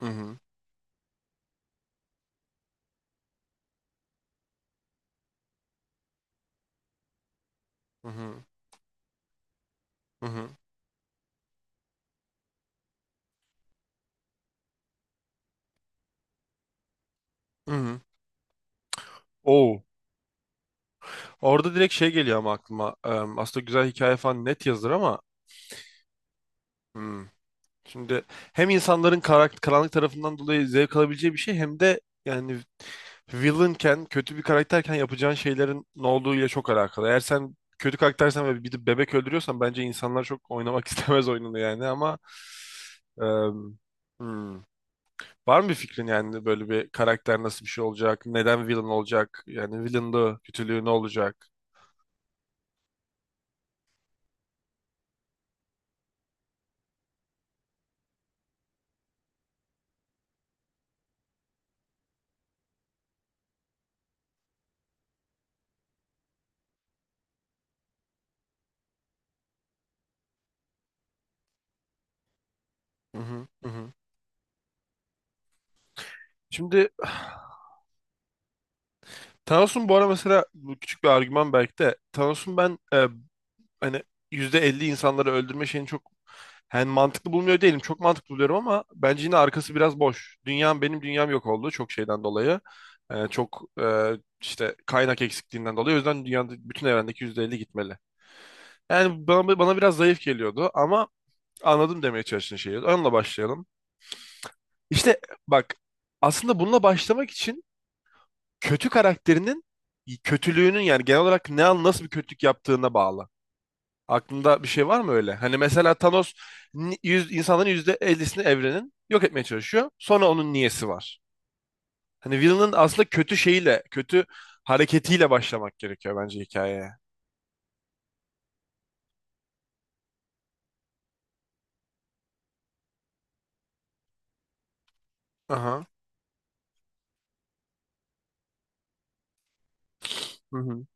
Hı hı. Hı hı. Hı hı. Hı hı. Oo. Orada direkt şey geliyor ama aklıma. Aslında güzel hikaye falan net yazılır ama hmm. Şimdi hem insanların karanlık tarafından dolayı zevk alabileceği bir şey hem de yani villainken, kötü bir karakterken yapacağın şeylerin ne olduğuyla çok alakalı. Eğer sen kötü karaktersen ve bir de bebek öldürüyorsan bence insanlar çok oynamak istemez oyununu yani ama em, hmm. Var mı bir fikrin yani böyle bir karakter nasıl bir şey olacak? Neden villain olacak? Yani villainlığı, kötülüğü ne olacak? Hı hı, hı hı. Şimdi Thanos'un bu ara mesela bu küçük bir argüman belki de Thanos'un hani %50 insanları öldürme şeyini çok yani mantıklı bulmuyor değilim. Çok mantıklı buluyorum ama bence yine arkası biraz boş. Dünyam benim dünyam yok oldu çok şeyden dolayı. E, çok e, işte kaynak eksikliğinden dolayı. O yüzden dünyada bütün evrendeki %50 gitmeli. Yani bana biraz zayıf geliyordu ama anladım demeye çalıştığın şeyi. Onunla başlayalım. İşte bak, aslında bununla başlamak için kötü karakterinin kötülüğünün, yani genel olarak ne an nasıl bir kötülük yaptığına bağlı. Aklında bir şey var mı öyle? Hani mesela Thanos yüz, insanların yüzde ellisini evrenin yok etmeye çalışıyor. Sonra onun niyesi var. Hani villain'ın aslında kötü şeyiyle, kötü hareketiyle başlamak gerekiyor bence hikayeye. Aha. Hı hı.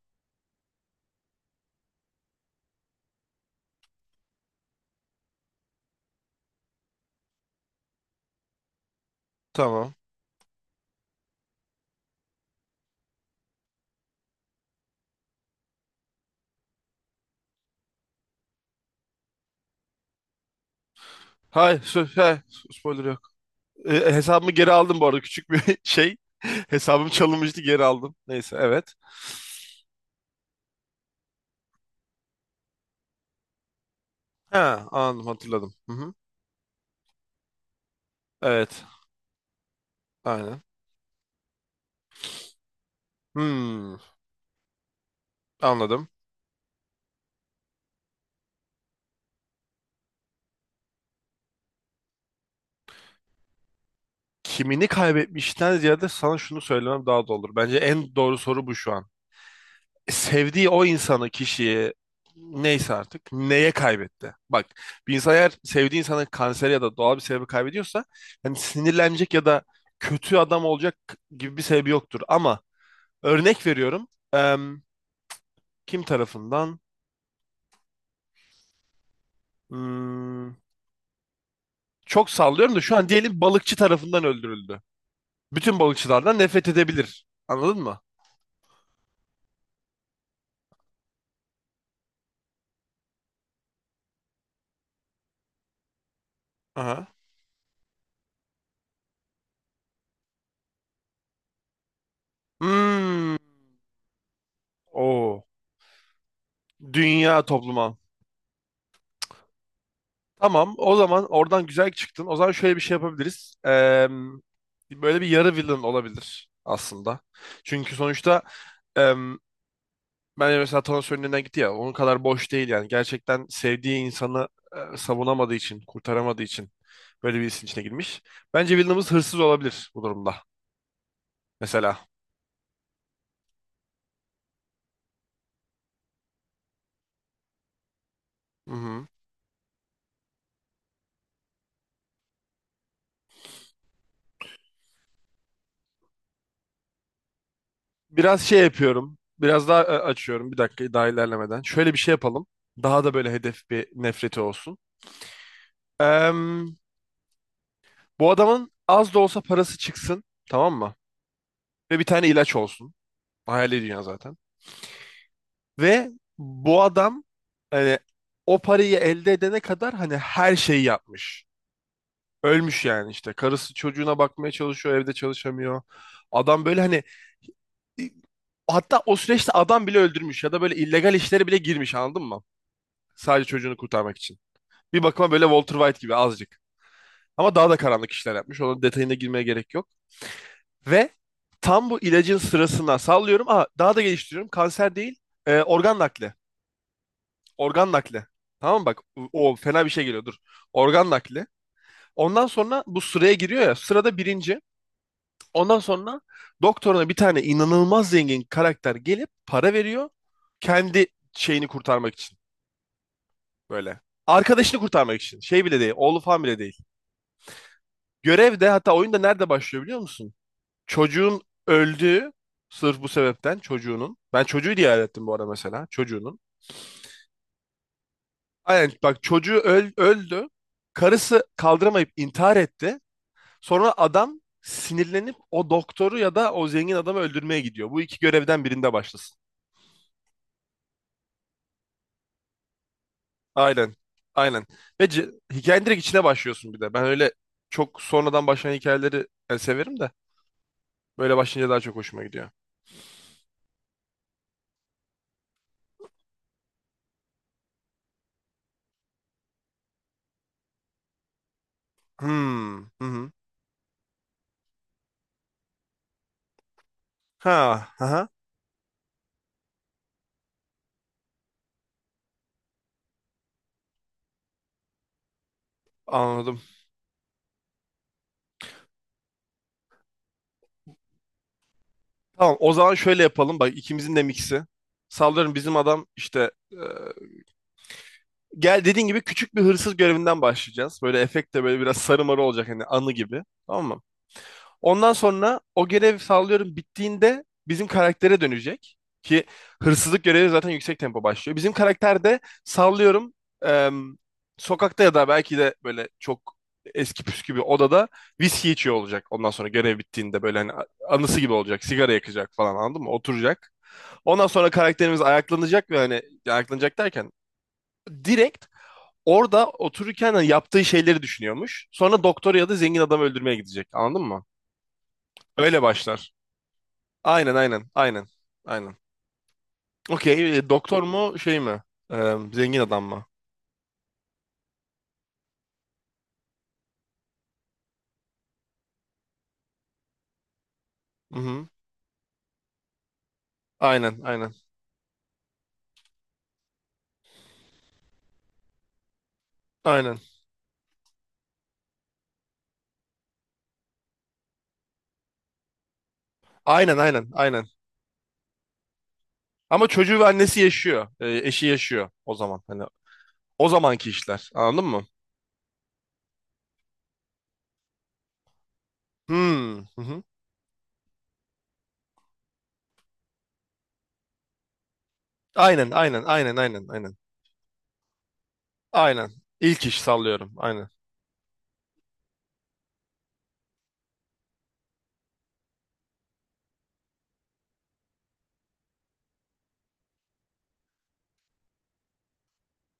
Tamam. Hay, sö- he, spoiler. Hesabımı geri aldım bu arada küçük bir şey. Hesabım çalınmıştı, geri aldım. Neyse, evet. Ha, anladım, hatırladım. Hı hı. Evet, aynen. Hmm, anladım. Kimini kaybetmişten ziyade sana şunu söylemem daha doğru olur. Bence en doğru soru bu şu an. Sevdiği o insanı, kişiyi, neyse artık, neye kaybetti? Bak, bir insan eğer sevdiği insanı kanser ya da doğal bir sebebi kaybediyorsa hani sinirlenecek ya da kötü adam olacak gibi bir sebebi yoktur. Ama örnek veriyorum. Kim tarafından? Hmm, çok sallıyorum da şu an, diyelim balıkçı tarafından öldürüldü. Bütün balıkçılardan nefret edebilir. Anladın mı? Aha. Hmm, o dünya topluma. Tamam, o zaman oradan güzel çıktın. O zaman şöyle bir şey yapabiliriz. Böyle bir yarı villain olabilir aslında. Çünkü sonuçta ben mesela Thanos önünden gitti ya. Onun kadar boş değil yani. Gerçekten sevdiği insanı savunamadığı için, kurtaramadığı için böyle bir işin içine girmiş. Bence Villeneuve hırsız olabilir bu durumda. Mesela. Hı hı. Biraz şey yapıyorum. Biraz daha açıyorum. Bir dakika daha, ilerlemeden. Şöyle bir şey yapalım. Daha da böyle hedef bir nefreti olsun. Em, bu adamın az da olsa parası çıksın. Tamam mı? Ve bir tane ilaç olsun. Hayali dünya zaten. Ve bu adam hani o parayı elde edene kadar hani her şeyi yapmış. Ölmüş yani işte. Karısı çocuğuna bakmaya çalışıyor, evde çalışamıyor. Adam böyle hani, hatta o süreçte adam bile öldürmüş ya da böyle illegal işlere bile girmiş, anladın mı? Sadece çocuğunu kurtarmak için. Bir bakıma böyle Walter White gibi azıcık. Ama daha da karanlık işler yapmış. Onun detayına girmeye gerek yok. Ve tam bu ilacın sırasına, sallıyorum. Aa, daha da geliştiriyorum. Kanser değil, organ nakli. Organ nakli. Tamam mı? Bak, o fena bir şey geliyor, dur. Organ nakli. Ondan sonra bu sıraya giriyor ya, sırada birinci. Ondan sonra doktoruna bir tane inanılmaz zengin karakter gelip para veriyor. Kendi şeyini kurtarmak için böyle. Arkadaşını kurtarmak için. Şey bile değil. Oğlu falan bile değil. Görev de hatta oyunda nerede başlıyor biliyor musun? Çocuğun öldüğü, sırf bu sebepten, çocuğunun. Ben çocuğu diye hayal ettim bu arada mesela. Çocuğunun. Aynen, bak, çocuğu öldü. Karısı kaldıramayıp intihar etti. Sonra adam sinirlenip o doktoru ya da o zengin adamı öldürmeye gidiyor. Bu iki görevden birinde başlasın. Aynen. Aynen. Ve hikayenin direkt içine başlıyorsun bir de. Ben öyle çok sonradan başlayan hikayeleri severim de. Böyle başlayınca daha çok hoşuma gidiyor. Hmm. Hı hı. Ha. Hı hı. Anladım. Tamam, o zaman şöyle yapalım. Bak, ikimizin de miksi. Sallıyorum, bizim adam işte, gel dediğin gibi, küçük bir hırsız görevinden başlayacağız. Böyle efekt de böyle biraz sarı marı olacak, hani anı gibi. Tamam mı? Ondan sonra o görev, sallıyorum, bittiğinde bizim karaktere dönecek. Ki hırsızlık görevi zaten yüksek tempo başlıyor. Bizim karakter de sallıyorum em, sokakta ya da belki de böyle çok eski püskü bir odada viski içiyor olacak. Ondan sonra görev bittiğinde böyle hani anısı gibi olacak. Sigara yakacak falan, anladın mı? Oturacak. Ondan sonra karakterimiz ayaklanacak ve hani, ayaklanacak derken direkt orada otururken hani yaptığı şeyleri düşünüyormuş. Sonra doktor ya da zengin adam öldürmeye gidecek. Anladın mı? Öyle başlar. Aynen aynen aynen aynen. Okey, doktor mu şey mi? Zengin adam mı? Hı-hı. Aynen aynen aynen aynen aynen aynen. Ama çocuğu ve annesi yaşıyor. Eşi yaşıyor o zaman. Hani o zamanki işler, anladın mı? Hmm. Hı-hı. Aynen aynen aynen aynen aynen. Aynen. İlk iş sallıyorum, aynen.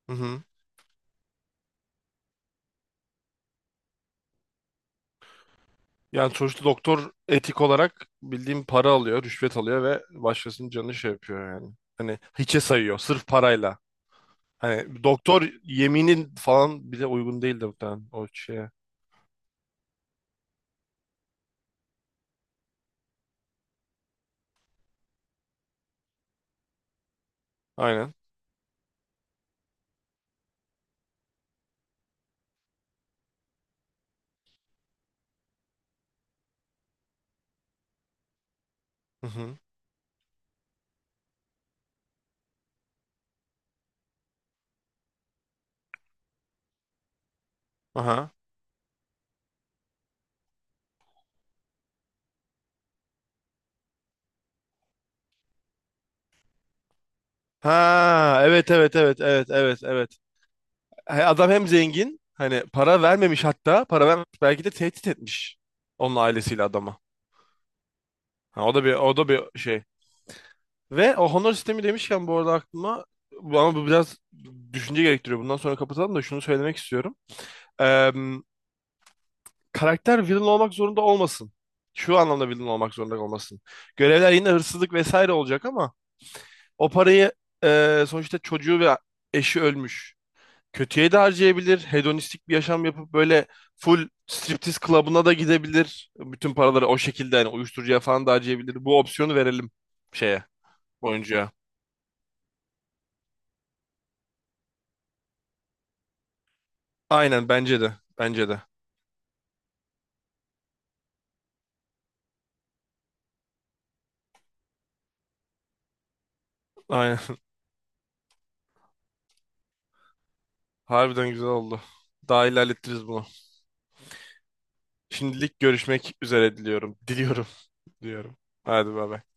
Hı-hı. Yani sonuçta doktor etik olarak bildiğim para alıyor, rüşvet alıyor ve başkasının canını şey yapıyor yani. Hani hiçe sayıyor sırf parayla. Hani doktor yeminin falan bize uygun değildi muhtemelen o şeye. Aynen. Hı hı. Aha. Ha, evet evet evet evet evet evet. He, adam hem zengin, hani para vermemiş, hatta para vermemiş, belki de tehdit etmiş onun ailesiyle adama. Ha, o da bir, o da bir şey. Ve o honor sistemi demişken bu arada aklıma, ama bu biraz düşünce gerektiriyor. Bundan sonra kapatalım da şunu söylemek istiyorum. Karakter villain olmak zorunda olmasın. Şu anlamda villain olmak zorunda olmasın. Görevler yine hırsızlık vesaire olacak ama o parayı, sonuçta çocuğu ve eşi ölmüş, kötüye de harcayabilir. Hedonistik bir yaşam yapıp böyle full striptiz klubuna da gidebilir. Bütün paraları o şekilde yani uyuşturucuya falan da harcayabilir. Bu opsiyonu verelim şeye, oyuncuya. Aynen, bence de. Bence de. Aynen. Harbiden güzel oldu. Daha ilerletiriz bunu. Şimdilik görüşmek üzere diliyorum. Diliyorum diyorum. Hadi bay bay.